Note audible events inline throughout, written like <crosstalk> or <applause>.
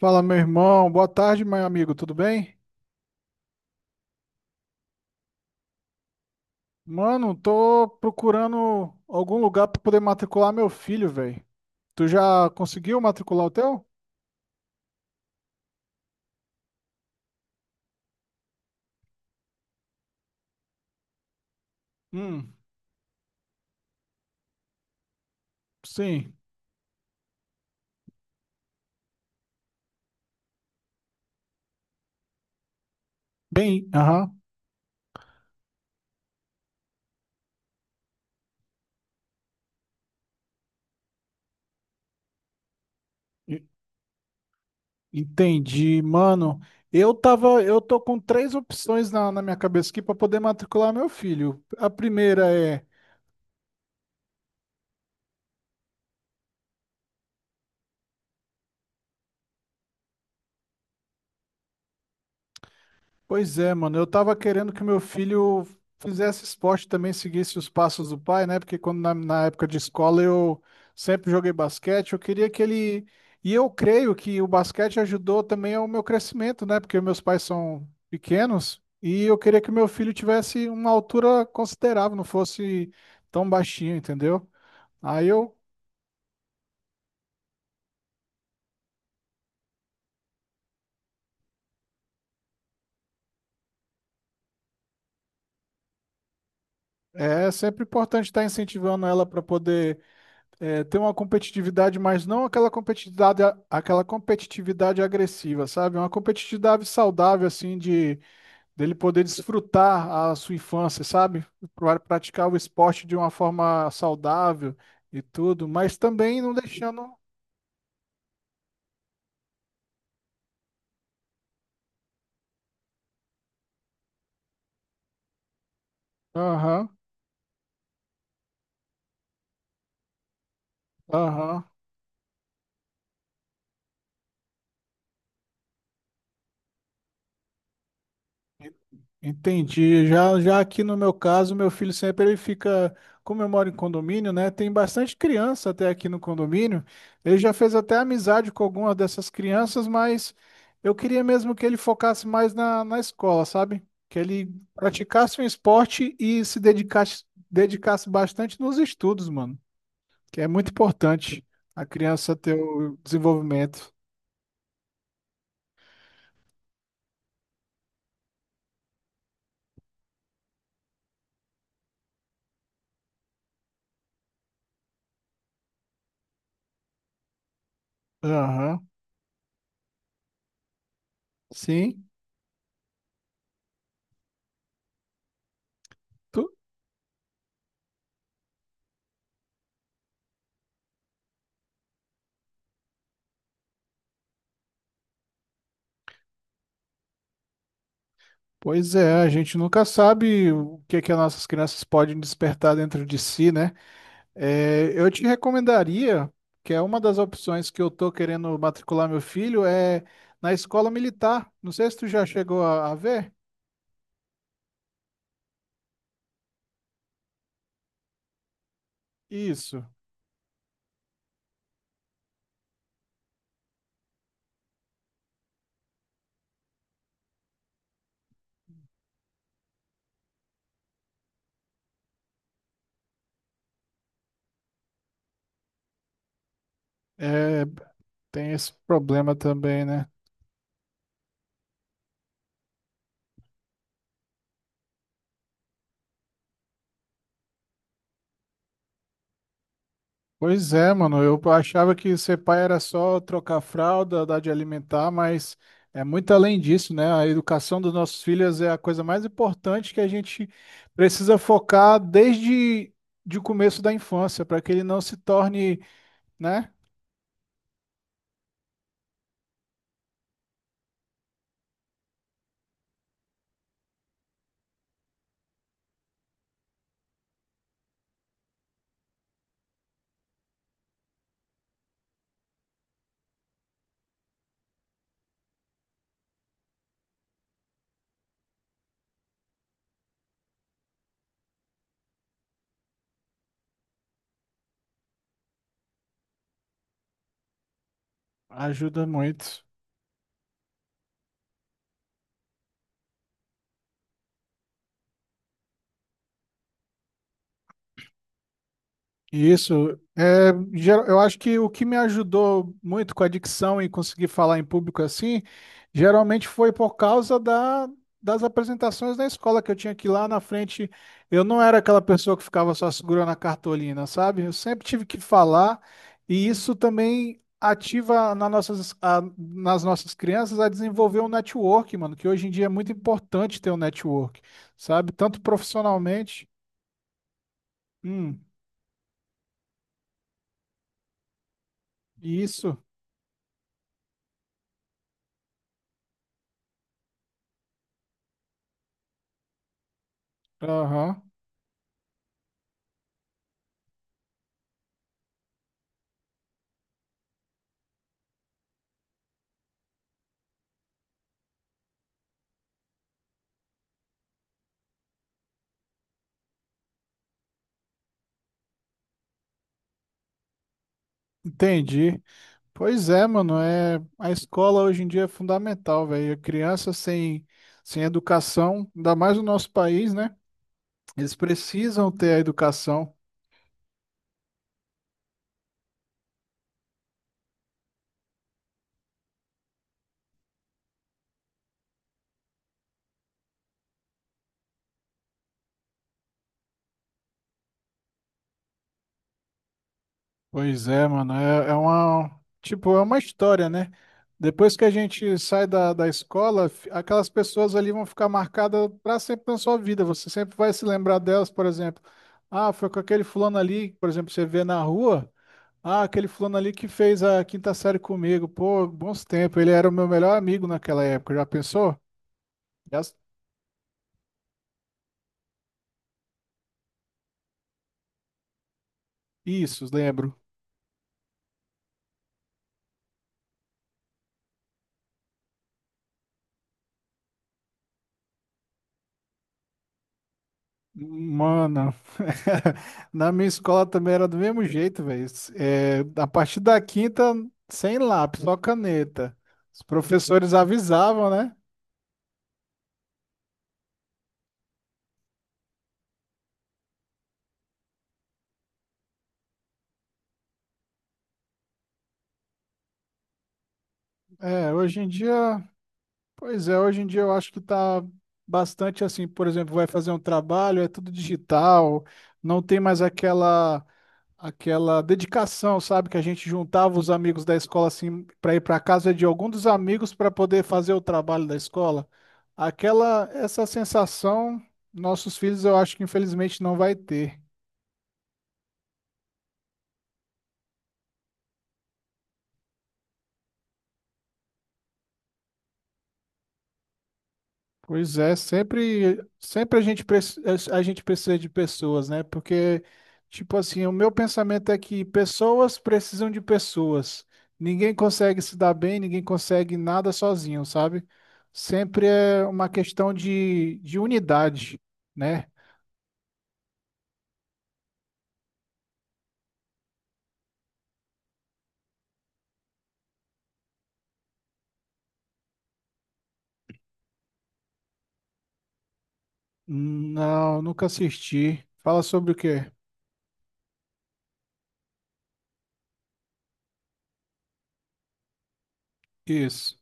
Fala, meu irmão. Boa tarde, meu amigo. Tudo bem? Mano, tô procurando algum lugar pra poder matricular meu filho, velho. Tu já conseguiu matricular o teu? Hum, sim. Bem, aham. E- Entendi, mano. Eu tô com três opções na minha cabeça aqui pra poder matricular meu filho. A primeira é. Pois é, mano. Eu tava querendo que meu filho fizesse esporte também, seguisse os passos do pai, né? Porque quando na época de escola eu sempre joguei basquete, eu queria que ele. E eu creio que o basquete ajudou também ao meu crescimento, né? Porque meus pais são pequenos e eu queria que meu filho tivesse uma altura considerável, não fosse tão baixinho, entendeu? Aí eu. É sempre importante estar incentivando ela para poder. É, ter uma competitividade, mas não aquela competitividade agressiva, sabe? É uma competitividade saudável, assim, de dele poder desfrutar a sua infância, sabe? Praticar o esporte de uma forma saudável e tudo, mas também não deixando. Aham, aham. Entendi. Já, já aqui no meu caso, meu filho sempre ele fica, como eu moro em condomínio, né? Tem bastante criança até aqui no condomínio. Ele já fez até amizade com algumas dessas crianças, mas eu queria mesmo que ele focasse mais na escola, sabe? Que ele praticasse um esporte e se dedicasse, bastante nos estudos, mano. Que é muito importante a criança ter o desenvolvimento. Aham. Sim. Pois é, a gente nunca sabe o que é que as nossas crianças podem despertar dentro de si, né? É, eu te recomendaria, que é uma das opções que eu tô querendo matricular meu filho, é na escola militar. Não sei se tu já chegou a ver. Isso. É, tem esse problema também, né? Pois é, mano. Eu achava que ser pai era só trocar fralda, dar de alimentar, mas é muito além disso, né? A educação dos nossos filhos é a coisa mais importante que a gente precisa focar desde de o começo da infância, para que ele não se torne, né? Ajuda muito. Isso. Eu acho que o que me ajudou muito com a dicção e conseguir falar em público assim, geralmente foi por causa das apresentações da escola, que eu tinha que ir lá na frente. Eu não era aquela pessoa que ficava só segurando a cartolina, sabe? Eu sempre tive que falar, e isso também ativa nas nossas crianças a desenvolver um network, mano, que hoje em dia é muito importante ter um network, sabe? Tanto profissionalmente. Hum, isso. Aham. Entendi. Pois é, mano, é a escola hoje em dia é fundamental, velho. A criança sem educação, ainda mais no nosso país, né? Eles precisam ter a educação. Pois é, mano, é uma história, né? Depois que a gente sai da escola, aquelas pessoas ali vão ficar marcadas para sempre na sua vida. Você sempre vai se lembrar delas, por exemplo. Ah, foi com aquele fulano ali, por exemplo, você vê na rua. Ah, aquele fulano ali que fez a quinta série comigo. Pô, bons tempos. Ele era o meu melhor amigo naquela época. Já pensou? Já- Isso, lembro. Mano, <laughs> na minha escola também era do mesmo jeito, velho. É, a partir da quinta, sem lápis, só caneta. Os professores avisavam, né? É, hoje em dia, pois é, hoje em dia eu acho que tá bastante assim. Por exemplo, vai fazer um trabalho, é tudo digital, não tem mais aquela. Dedicação, sabe? Que a gente juntava os amigos da escola assim para ir para casa de algum dos amigos para poder fazer o trabalho da escola. Aquela essa sensação, nossos filhos eu acho que infelizmente não vai ter. Pois é, sempre, sempre a gente precisa de pessoas, né? Porque, tipo assim, o meu pensamento é que pessoas precisam de pessoas. Ninguém consegue se dar bem, ninguém consegue nada sozinho, sabe? Sempre é uma questão de unidade, né? Não, nunca assisti. Fala sobre o quê? Isso.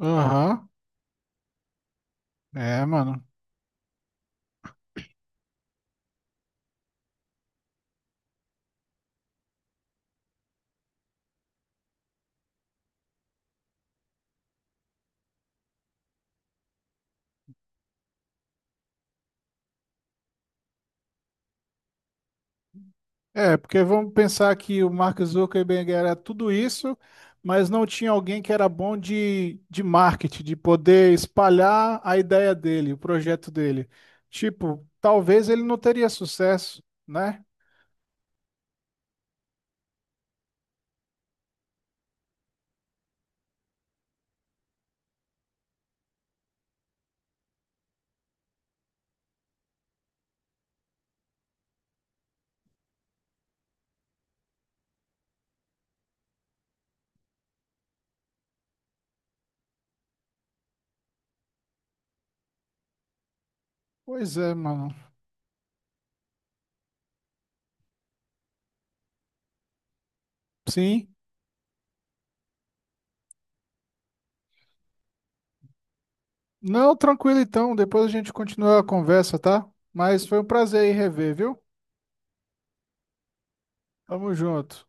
Aham. É, mano. É, porque vamos pensar que o Mark Zuckerberg era tudo isso, mas não tinha alguém que era bom de marketing, de poder espalhar a ideia dele, o projeto dele. Tipo, talvez ele não teria sucesso, né? Pois é, mano. Sim. Não, tranquilo então, depois a gente continua a conversa, tá? Mas foi um prazer aí rever, viu? Tamo junto.